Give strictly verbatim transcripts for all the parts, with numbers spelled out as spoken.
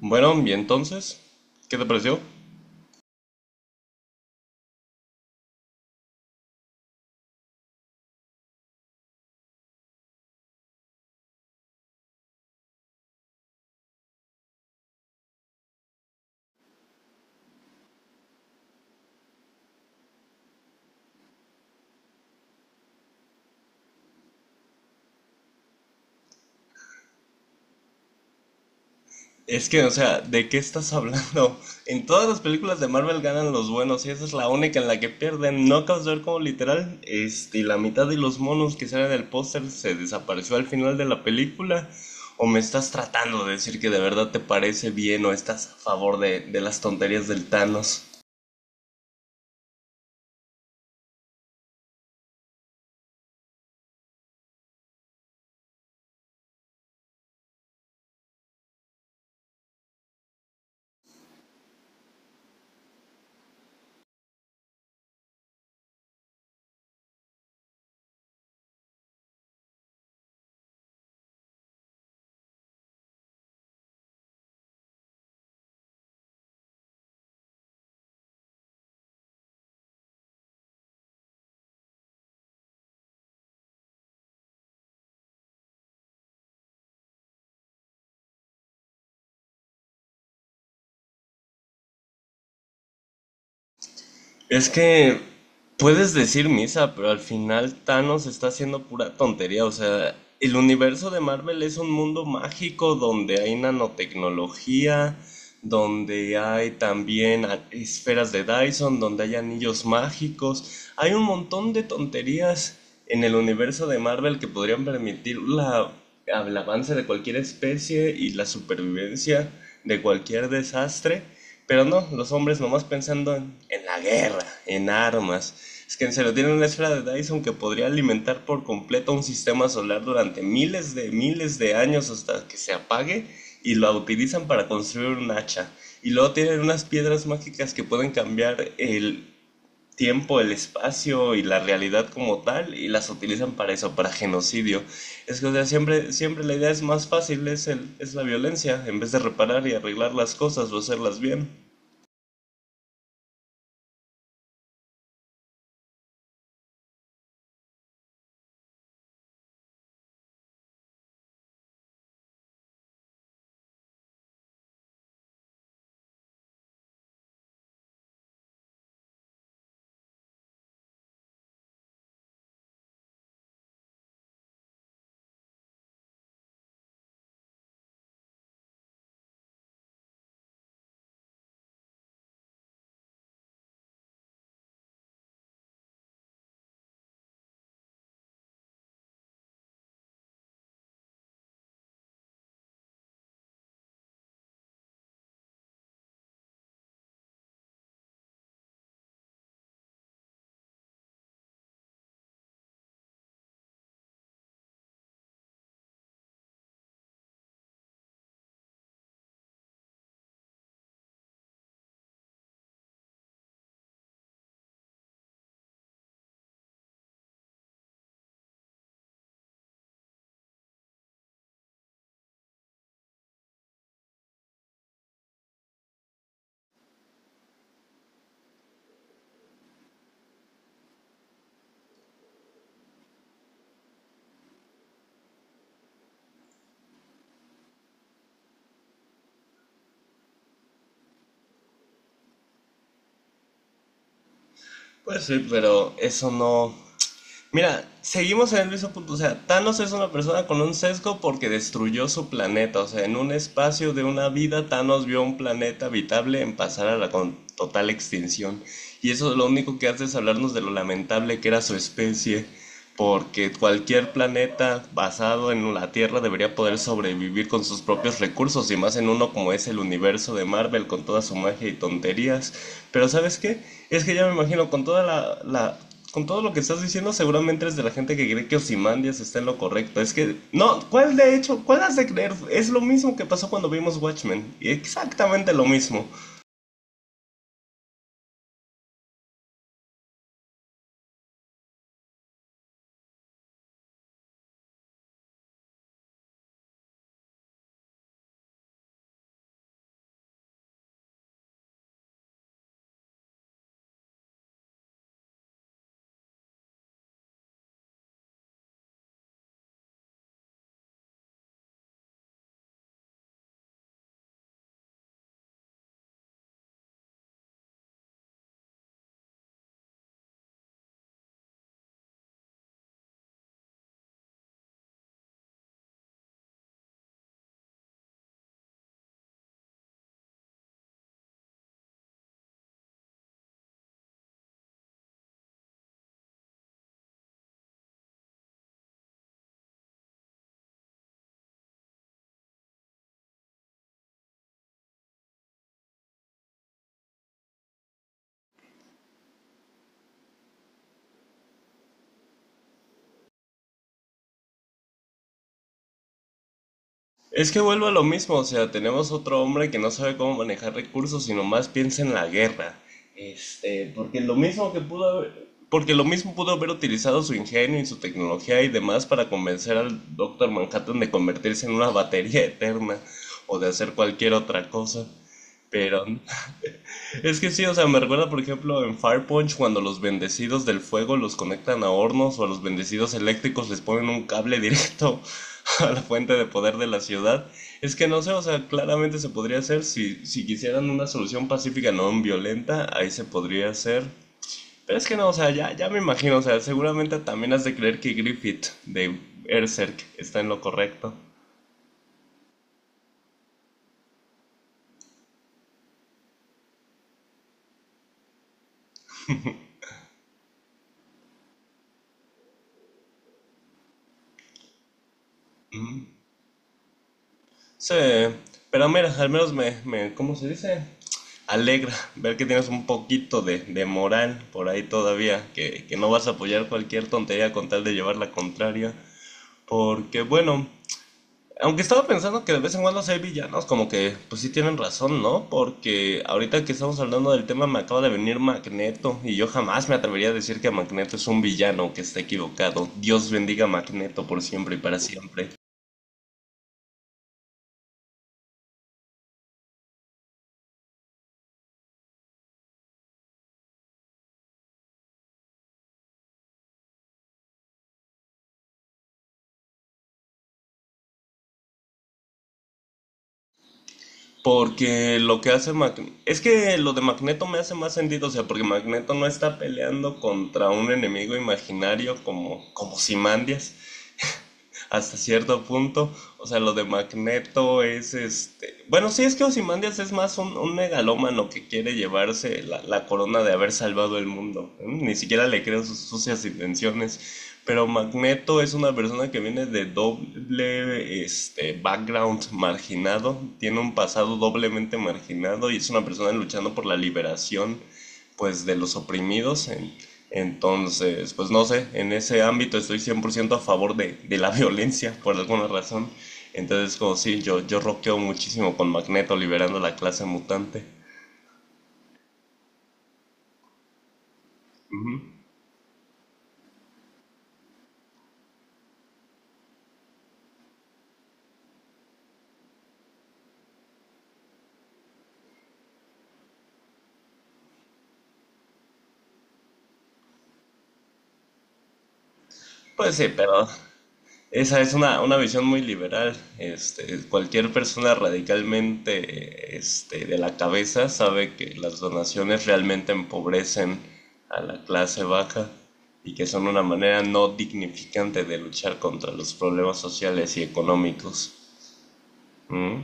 Bueno, y entonces, ¿qué te pareció? Es que, o sea, ¿de qué estás hablando? En todas las películas de Marvel ganan los buenos y esa es la única en la que pierden. No acabas de ver como literal, este, la mitad de los monos que salen del póster se desapareció al final de la película. ¿O me estás tratando de decir que de verdad te parece bien o estás a favor de, de las tonterías del Thanos? Es que puedes decir misa, pero al final Thanos está haciendo pura tontería. O sea, el universo de Marvel es un mundo mágico donde hay nanotecnología, donde hay también a- esferas de Dyson, donde hay anillos mágicos. Hay un montón de tonterías en el universo de Marvel que podrían permitir la, el avance de cualquier especie y la supervivencia de cualquier desastre. Pero no, los hombres nomás pensando en, en la guerra, en armas. Es que se lo tienen una esfera de Dyson que podría alimentar por completo un sistema solar durante miles de miles de años hasta que se apague y lo utilizan para construir un hacha. Y luego tienen unas piedras mágicas que pueden cambiar el tiempo, el espacio y la realidad como tal y las utilizan para eso, para genocidio. Es que, o sea, siempre, siempre la idea es más fácil, es, el, es la violencia, en vez de reparar y arreglar las cosas o hacerlas bien. Pues sí, pero eso no. Mira, seguimos en el mismo punto. O sea, Thanos es una persona con un sesgo porque destruyó su planeta. O sea, en un espacio de una vida, Thanos vio un planeta habitable en pasar a la con total extinción. Y eso lo único que hace es hablarnos de lo lamentable que era su especie porque cualquier planeta basado en la Tierra debería poder sobrevivir con sus propios recursos y más en uno como es el universo de Marvel con toda su magia y tonterías. Pero ¿sabes qué? Es que ya me imagino con toda la, la con todo lo que estás diciendo seguramente es de la gente que cree que Ozymandias está en lo correcto. Es que no, ¿cuál de hecho? ¿Cuál has de creer? Es lo mismo que pasó cuando vimos Watchmen, y exactamente lo mismo. Es que vuelvo a lo mismo, o sea, tenemos otro hombre que no sabe cómo manejar recursos, sino más piensa en la guerra. Este, porque lo mismo que pudo haber, porque lo mismo pudo haber utilizado su ingenio y su tecnología y demás para convencer al Doctor Manhattan de convertirse en una batería eterna o de hacer cualquier otra cosa. Pero es que sí, o sea, me recuerda, por ejemplo, en Fire Punch, cuando los bendecidos del fuego los conectan a hornos o a los bendecidos eléctricos les ponen un cable directo a la fuente de poder de la ciudad. Es que no sé, o sea, claramente se podría hacer si, si quisieran una solución pacífica no violenta, ahí se podría hacer. Pero es que no, o sea, ya, ya me imagino, o sea, seguramente también has de creer que Griffith de Berserk está en lo correcto. Sí, pero mira, al menos me, me, ¿cómo se dice? Alegra ver que tienes un poquito de, de moral por ahí todavía, que, que no vas a apoyar cualquier tontería con tal de llevar la contraria, porque bueno, aunque estaba pensando que de vez en cuando sí hay villanos, como que pues sí tienen razón, ¿no? Porque ahorita que estamos hablando del tema me acaba de venir Magneto y yo jamás me atrevería a decir que Magneto es un villano que está equivocado. Dios bendiga a Magneto por siempre y para siempre. Porque lo que hace Magneto... Es que lo de Magneto me hace más sentido, o sea, porque Magneto no está peleando contra un enemigo imaginario como, como Simandias, hasta cierto punto. O sea, lo de Magneto es este. Bueno, sí, es que Ozymandias es más un, un megalómano que quiere llevarse la, la corona de haber salvado el mundo. ¿Eh? Ni siquiera le creo sus sucias intenciones. Pero Magneto es una persona que viene de doble este, background marginado, tiene un pasado doblemente marginado y es una persona luchando por la liberación pues de los oprimidos en, entonces, pues no sé, en ese ámbito estoy cien por ciento a favor de, de la violencia por alguna razón. Entonces, como sí, yo, yo roqueo muchísimo con Magneto liberando la clase mutante. Pues sí, pero esa es una, una visión muy liberal. Este, cualquier persona radicalmente este, de la cabeza sabe que las donaciones realmente empobrecen a la clase baja y que son una manera no dignificante de luchar contra los problemas sociales y económicos. ¿Mm?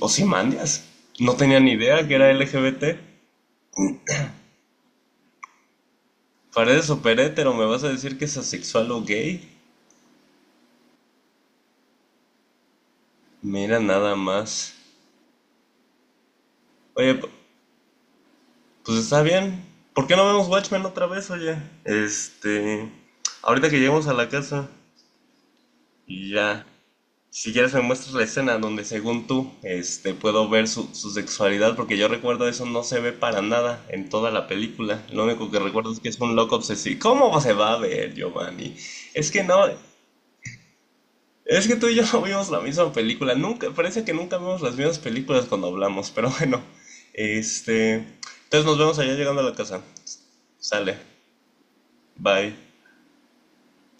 Ozymandias. No tenía ni idea que era L G B T. Paredes super hétero, ¿me vas a decir que es asexual o gay? Mira nada más. Oye, pu- pues está bien. ¿Por qué no vemos Watchmen otra vez, oye? Este. Ahorita que lleguemos a la casa, y ya. Si quieres me muestras la escena donde según tú, este, puedo ver su, su sexualidad, porque yo recuerdo eso no se ve para nada en toda la película. Lo único que recuerdo es que es un loco obsesivo. ¿Cómo se va a ver, Giovanni? Es que no. Es que tú y yo no vimos la misma película. Nunca, parece que nunca vemos las mismas películas cuando hablamos, pero bueno. Este, entonces nos vemos allá llegando a la casa. Sale. Bye.